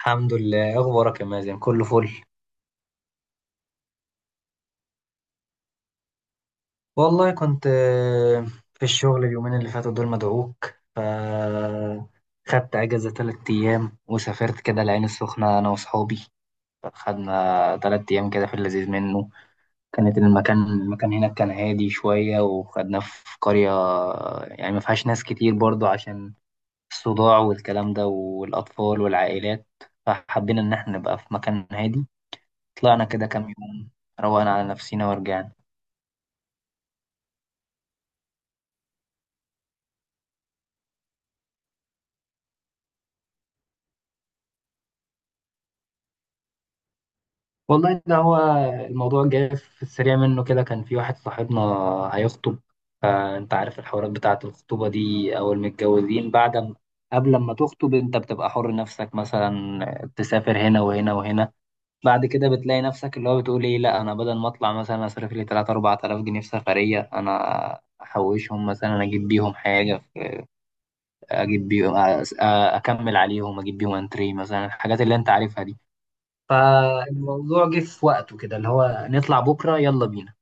الحمد لله إيه اخبارك يا مازن كله فل. والله كنت في الشغل اليومين اللي فاتوا دول مدعوك ف خدت اجازه 3 ايام وسافرت كده العين السخنه انا واصحابي. خدنا 3 ايام كده في اللذيذ منه. كانت المكان هناك كان هادي شويه وخدناه في قريه يعني ما فيهاش ناس كتير برضو عشان الصداع والكلام ده والاطفال والعائلات، فحبينا ان احنا نبقى في مكان هادي. طلعنا كده كام يوم، روقنا على نفسينا ورجعنا. والله ده هو الموضوع جاي في السريع منه كده، كان في واحد صاحبنا هيخطب، فانت عارف الحوارات بتاعة الخطوبة دي او المتجوزين بعد ما، قبل ما تخطب انت بتبقى حر نفسك مثلا تسافر هنا وهنا وهنا. بعد كده بتلاقي نفسك اللي هو بتقول ايه، لا انا بدل ما اطلع مثلا اصرف لي 3 4000 جنيه في سفرية انا احوشهم مثلا اجيب بيهم حاجة، اجيب بيهم اكمل عليهم اجيب بيهم انتري مثلا الحاجات اللي انت عارفها دي. فالموضوع جه في وقته كده اللي هو نطلع بكرة يلا بينا.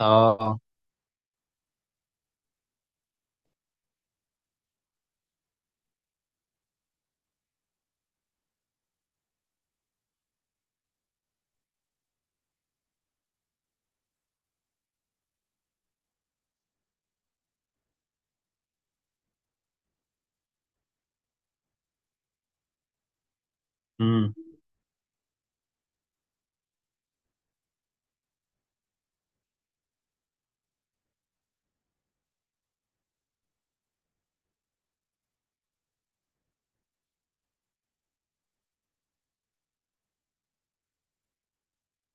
اه. امم.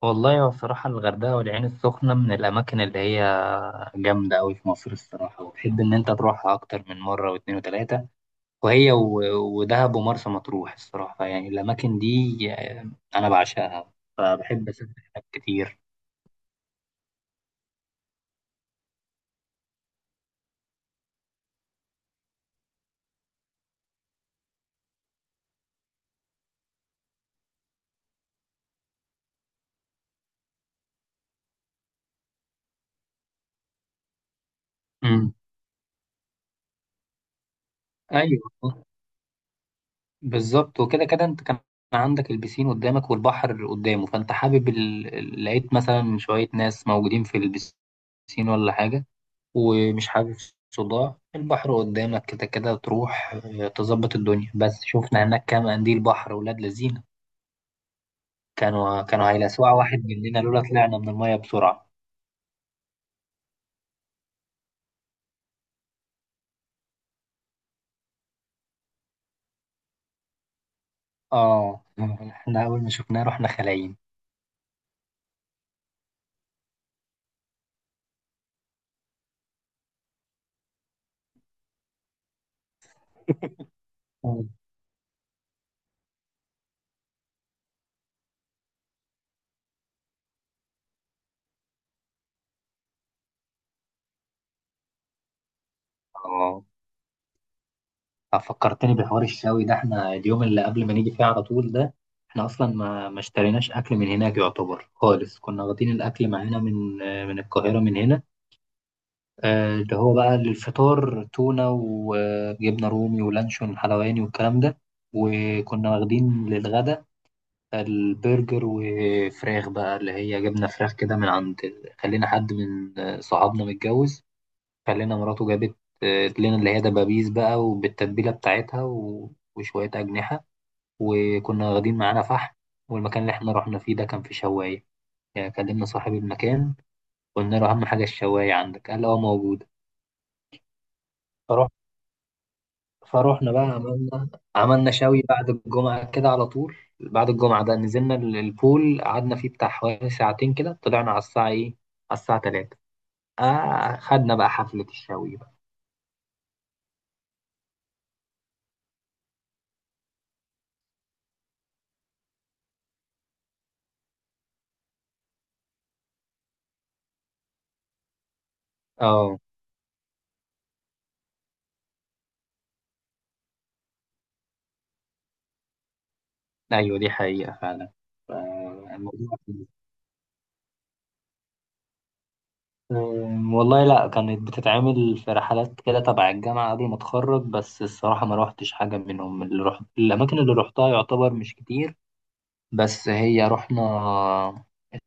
والله هو بصراحة الغردقة والعين السخنة من الأماكن اللي هي جامدة أوي في مصر الصراحة، وتحب إن أنت تروحها أكتر من مرة واتنين وتلاتة. وهي ودهب ومرسى مطروح الصراحة، يعني الأماكن دي أنا بعشقها، فبحب أسافر هناك كتير. امم. أيوه بالظبط، وكده كده انت كان عندك البسين قدامك والبحر قدامه، فانت حابب لقيت مثلا شوية ناس موجودين في البسين ولا حاجة ومش حابب صداع، البحر قدامك كده كده تروح اه، تظبط الدنيا. بس شفنا هناك كام قنديل بحر ولاد لذينة، كانوا هيلسعوا واحد مننا لولا طلعنا من المية بسرعة. اه احنا أول ما شفناه رحنا خلايين. اه، فكرتني بحوار الشاوي ده، احنا اليوم اللي قبل ما نيجي فيه على طول ده احنا اصلا ما اشتريناش اكل من هناك يعتبر خالص، كنا واخدين الاكل معانا من من القاهره من هنا. اللي هو بقى للفطار تونه وجبنه رومي ولانشون حلواني والكلام ده، وكنا واخدين للغدا البرجر وفراخ بقى اللي هي جبنه فراخ كده من عند، خلينا حد من صحابنا متجوز خلينا مراته جابت لنا اللي هي دبابيس بقى وبالتتبيلة بتاعتها وشوية أجنحة، وكنا واخدين معانا فحم. والمكان اللي احنا رحنا فيه ده كان في شواية، يعني كلمنا صاحب المكان قلنا له أهم حاجة الشواية عندك قال اه موجودة. فروح فروحنا بقى، عملنا شوي، بعد الجمعة كده على طول بعد الجمعة ده نزلنا البول قعدنا فيه بتاع حوالي ساعتين كده، طلعنا على الساعة ايه، على الساعة تلاتة، آه خدنا بقى حفلة الشوي بقى. اه ايوه دي حقيقة فعلا. ف- الموضوع والله لا، كانت بتتعمل في رحلات كده تبع الجامعة قبل ما اتخرج بس الصراحة ما روحتش حاجة منهم. اللي رحت الأماكن اللي روحتها يعتبر مش كتير، بس هي رحنا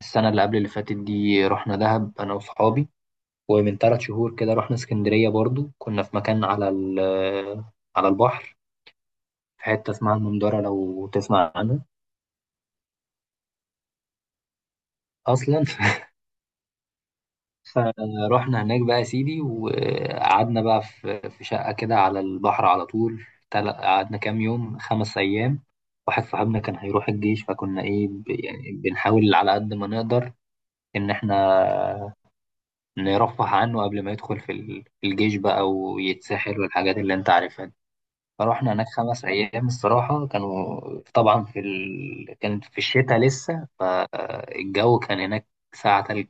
السنة اللي قبل اللي فاتت دي رحنا دهب أنا وصحابي، ومن 3 شهور كده رحنا اسكندرية برضو، كنا في مكان على على البحر في حتة اسمها المندرة لو تسمع عنها أصلا فروحنا هناك بقى يا سيدي وقعدنا بقى في شقة كده على البحر على طول. قعدنا كام يوم، 5 أيام. واحد صاحبنا كان هيروح الجيش فكنا إيه يعني بنحاول على قد ما نقدر إن إحنا نرفه عنه قبل ما يدخل في في الجيش بقى ويتسحل والحاجات اللي أنت عارفها دي. فروحنا هناك 5 أيام الصراحة كانوا، طبعا كانت في الشتاء لسه، فالجو كان هناك ساعة تلج.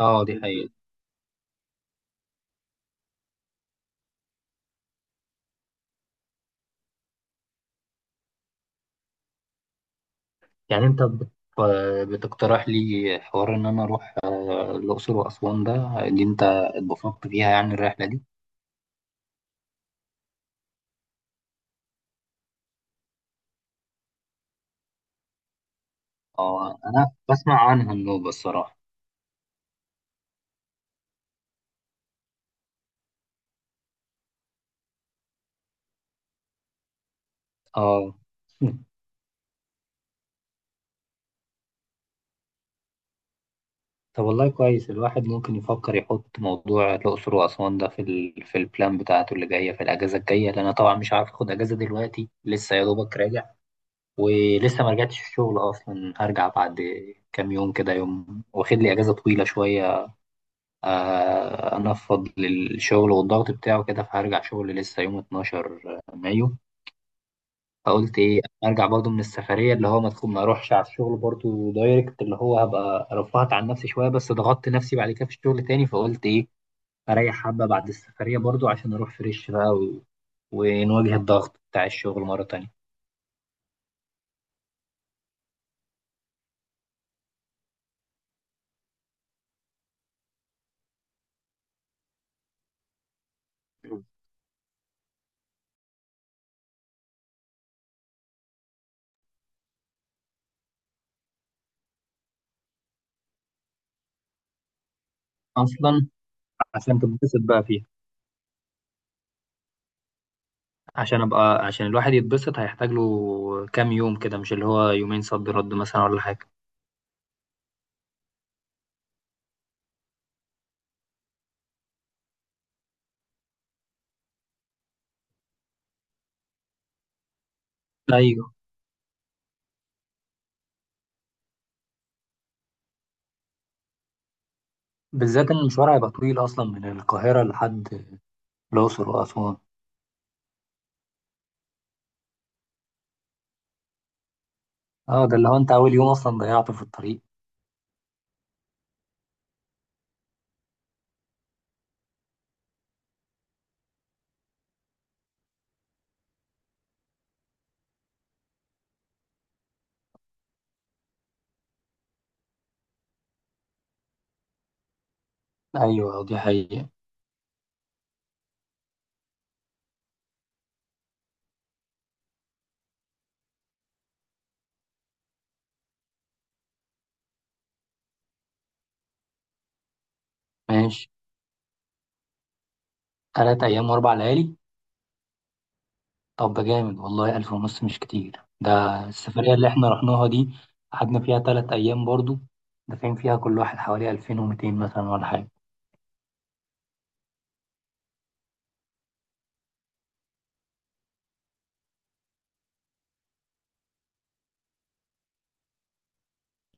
اه دي حقيقة. يعني انت بتقترح لي حوار ان انا اروح الاقصر واسوان ده، اللي انت اتبسطت فيها يعني الرحله دي. اه انا بسمع عنها النوبه الصراحه. اه طب والله كويس، الواحد ممكن يفكر يحط موضوع الاقصر واسوان ده في في البلان بتاعته اللي جايه في الاجازه الجايه، لان انا طبعا مش عارف اخد اجازه دلوقتي لسه يا دوبك راجع، ولسه ما رجعتش الشغل اصلا، هرجع بعد كام يوم كده، يوم واخد لي اجازه طويله شويه انفض للشغل والضغط بتاعه كده، فهرجع شغل لسه يوم 12 مايو. فقلت ايه ارجع برضو من السفريه اللي هو ما تكون ما اروحش على الشغل برضو دايركت، اللي هو هبقى رفعت عن نفسي شويه بس ضغطت نفسي بعد كده في الشغل تاني، فقلت ايه اريح حبه بعد السفريه برضو عشان اروح فريش بقى ونواجه الضغط بتاع الشغل مره تانيه. اصلا عشان تتبسط بقى فيها، عشان ابقى عشان الواحد يتبسط هيحتاج له كام يوم كده، مش اللي هو يومين صد رد مثلا ولا حاجه. ايوه، بالذات ان المشوار هيبقى طويل اصلا من القاهره لحد الاقصر واسوان. اه ده اللي هو انت اول يوم اصلا ضيعته في الطريق. ايوه دي حقيقه. ماشي، 3 ايام واربع ليالي. طب ده جامد والله، 1500 مش كتير ده، السفريه اللي احنا رحناها دي قعدنا فيها 3 ايام برضو دافعين فيها كل واحد حوالي 2200 مثلا ولا حاجه.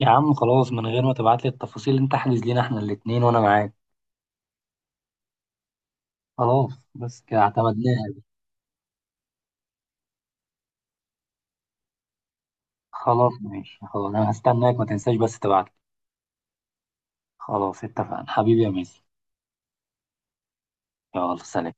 يا عم خلاص من غير ما تبعت لي التفاصيل انت احجز لينا احنا الاتنين وانا معاك. خلاص بس كده اعتمدناها. خلاص ماشي خلاص، انا هستناك ما تنساش بس تبعت. خلاص اتفقنا حبيبي يا ميسي. يلا سلام.